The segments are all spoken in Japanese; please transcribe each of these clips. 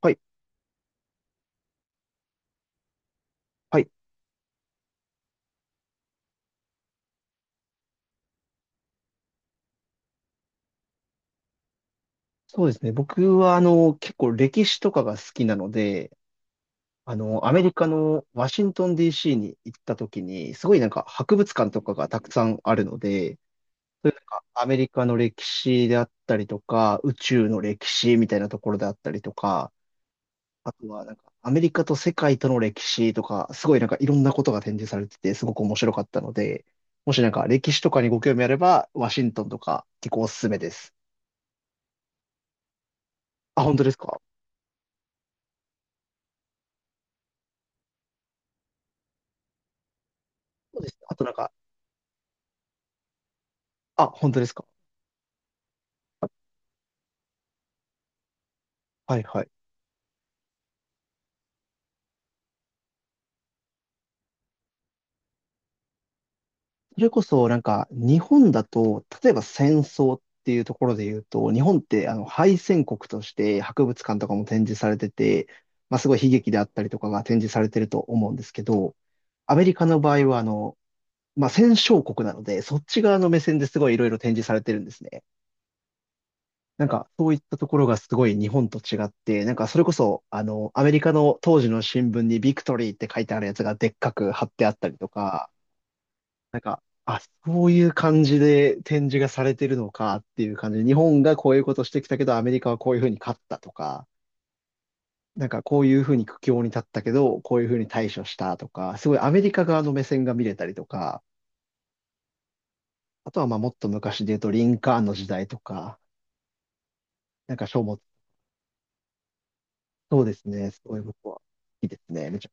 はい、はい、そうですね。僕は、結構歴史とかが好きなので、アメリカのワシントン DC に行った時に、すごいなんか博物館とかがたくさんあるので、そういうなんかアメリカの歴史であったりとか、宇宙の歴史みたいなところであったりとか、あとはなんかアメリカと世界との歴史とか、すごいなんかいろんなことが展示されてて、すごく面白かったので、もしなんか歴史とかにご興味あれば、ワシントンとか結構おすすめです。あ、本当ですか？そうです。あとなんか、あ、本当ですか。はいはい。それこそ、なんか、日本だと、例えば戦争っていうところで言うと、日本って、敗戦国として博物館とかも展示されてて、まあ、すごい悲劇であったりとかが展示されてると思うんですけど、アメリカの場合は、まあ、戦勝国なので、そっち側の目線ですごいいろいろ展示されてるんですね。なんか、そういったところがすごい日本と違って、なんか、それこそ、アメリカの当時の新聞にビクトリーって書いてあるやつがでっかく貼ってあったりとか、なんか、あ、そういう感じで展示がされてるのかっていう感じで、日本がこういうことしてきたけど、アメリカはこういうふうに勝ったとか、なんかこういうふうに苦境に立ったけど、こういうふうに対処したとか、すごいアメリカ側の目線が見れたりとか、あとはまあもっと昔で言うとリンカーンの時代とか、なんか書物、そうですね、そういうことは、好きですね、めちゃ、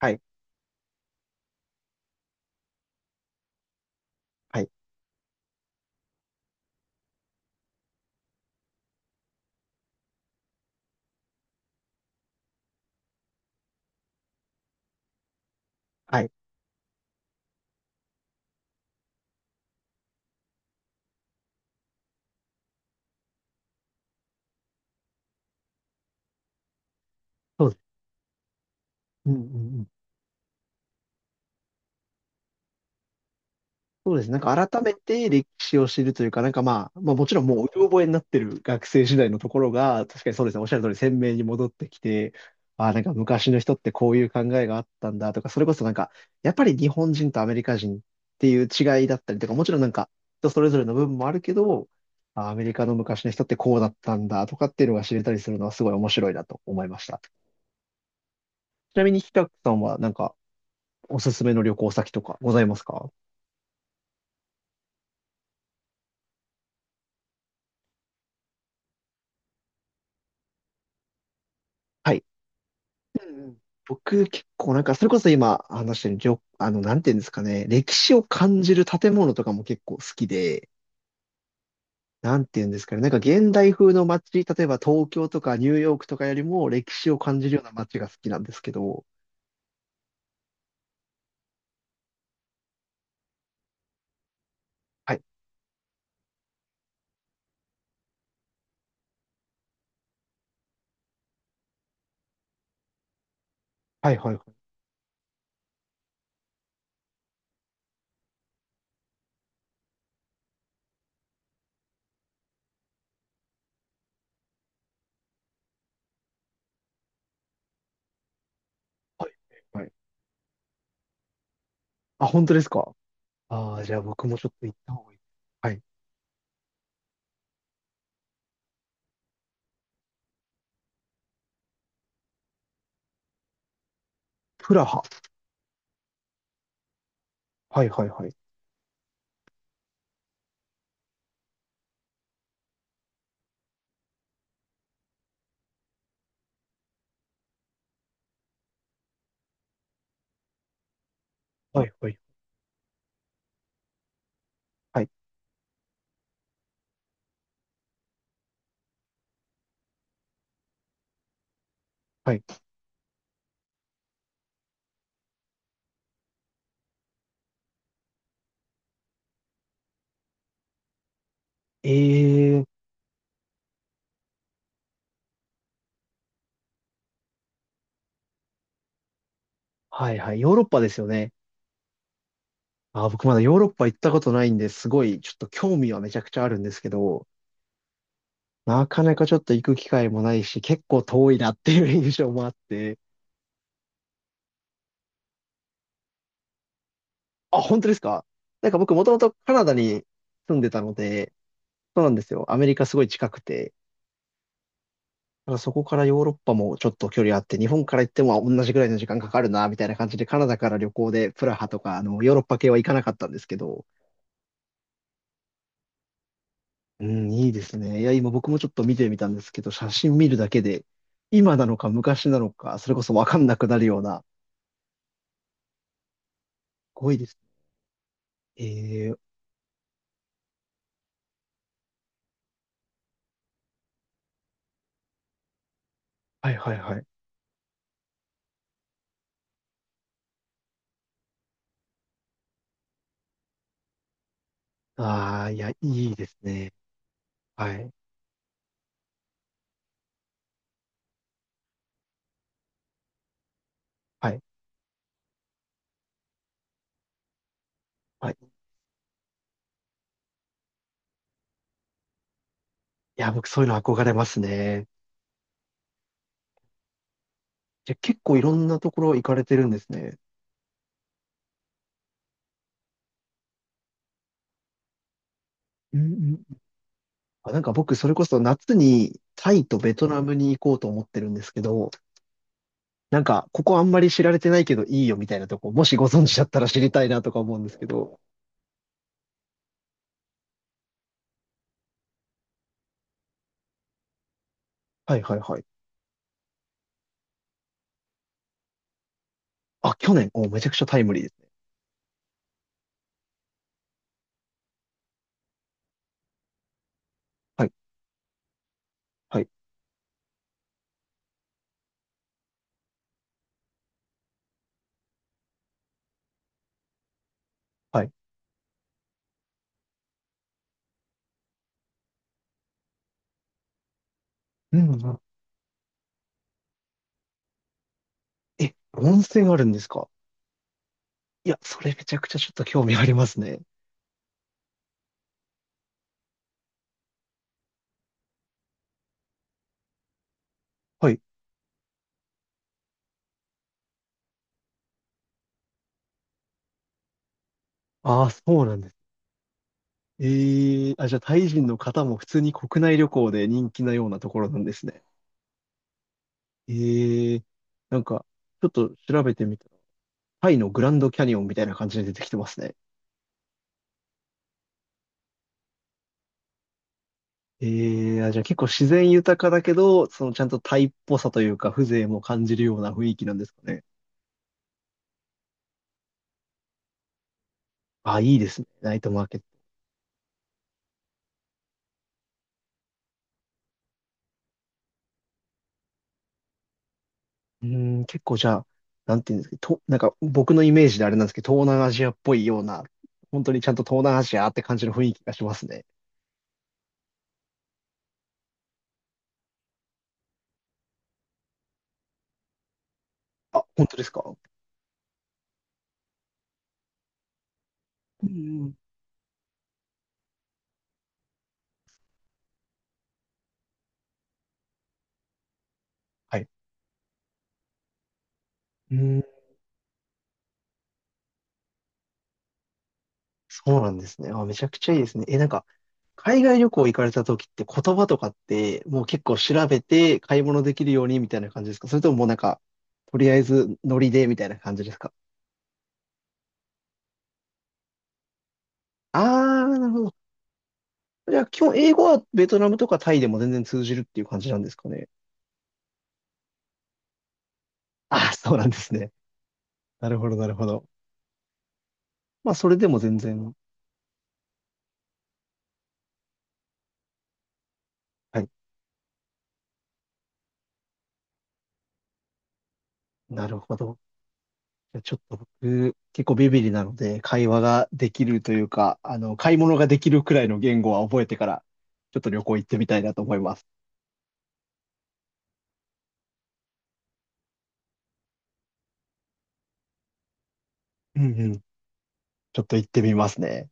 はい、はい、はい、そうです。うんうんうん、そうですね。なんか改めて歴史を知るというか、なんかまあ、まあもちろんもううろ覚えになってる学生時代のところが、確かにそうですね。おっしゃる通り鮮明に戻ってきて、ああ、なんか昔の人ってこういう考えがあったんだとか、それこそなんか、やっぱり日本人とアメリカ人っていう違いだったりとか、もちろんなんか人それぞれの部分もあるけど、ああアメリカの昔の人ってこうだったんだとかっていうのが知れたりするのはすごい面白いなと思いました。ちなみに、ひたくさんはなんかおすすめの旅行先とかございますか？はい。うんうん。僕結構なんか、それこそ今話してる旅、なんていうんですかね、歴史を感じる建物とかも結構好きで、なんていうんですかね、なんか現代風の街、例えば東京とかニューヨークとかよりも歴史を感じるような街が好きなんですけど、はい、はいはいはい。はいはい。あ、本当ですか？ああー、じゃあ僕もちょっと行った方がいい。はい。プラハ。はいはいはい。はいはい。はいはい。ええー、はいはい。ヨーロッパですよね。あ、僕まだヨーロッパ行ったことないんで、すごいちょっと興味はめちゃくちゃあるんですけど、なかなかちょっと行く機会もないし、結構遠いなっていう印象もあって。あ、本当ですか？なんか僕もともとカナダに住んでたので、そうなんですよ。アメリカすごい近くて、ただそこからヨーロッパもちょっと距離あって、日本から行っても同じぐらいの時間かかるな、みたいな感じでカナダから旅行でプラハとか、ヨーロッパ系は行かなかったんですけど、うん、いいですね。いや、今僕もちょっと見てみたんですけど、写真見るだけで、今なのか昔なのか、それこそわかんなくなるような、すごいです。えー、はいはいはい。ああ、いや、いいですね。はい、はい、はい。いや、僕そういうの憧れますね。じゃ、結構いろんなところ行かれてるんですね。うんうん。あ、なんか僕、それこそ夏にタイとベトナムに行こうと思ってるんですけど、なんか、ここあんまり知られてないけどいいよみたいなとこ、もしご存知だったら知りたいなとか思うんですけど。はいはいはい。あ、去年、お、めちゃくちゃタイムリーですね。はい、はい、はい。うん、うん。え、温泉あるんですか？いや、それめちゃくちゃちょっと興味ありますね。はい。ああ、そうなんです。ええ、あ、じゃあ、タイ人の方も普通に国内旅行で人気なようなところなんですね。ええ、なんか、ちょっと調べてみたら、タイのグランドキャニオンみたいな感じで出てきてますね。ええ、あ、じゃあ結構自然豊かだけど、そのちゃんとタイっぽさというか、風情も感じるような雰囲気なんですかね。あ、いいですね。ナイトマーケット。うーん、結構じゃあ、なんていうんですか、と、なんか僕のイメージであれなんですけど、東南アジアっぽいような、本当にちゃんと東南アジアって感じの雰囲気がしますね。あ、本当ですか？うん、はい。うーん、そうなんですね。あ、めちゃくちゃいいですね。え、なんか、海外旅行行かれた時って言葉とかって、もう結構調べて買い物できるようにみたいな感じですか？それとももうなんか、とりあえずノリでみたいな感じですか？あー、なるほど。じゃあ、基本英語はベトナムとかタイでも全然通じるっていう感じなんですかね。あ、そうなんですね。なるほど、なるほど。まあ、それでも全然。はい。なるほど。じゃあちょっと僕、結構ビビリなので、会話ができるというか、買い物ができるくらいの言語は覚えてから、ちょっと旅行行ってみたいなと思います。うんうん。ちょっと行ってみますね。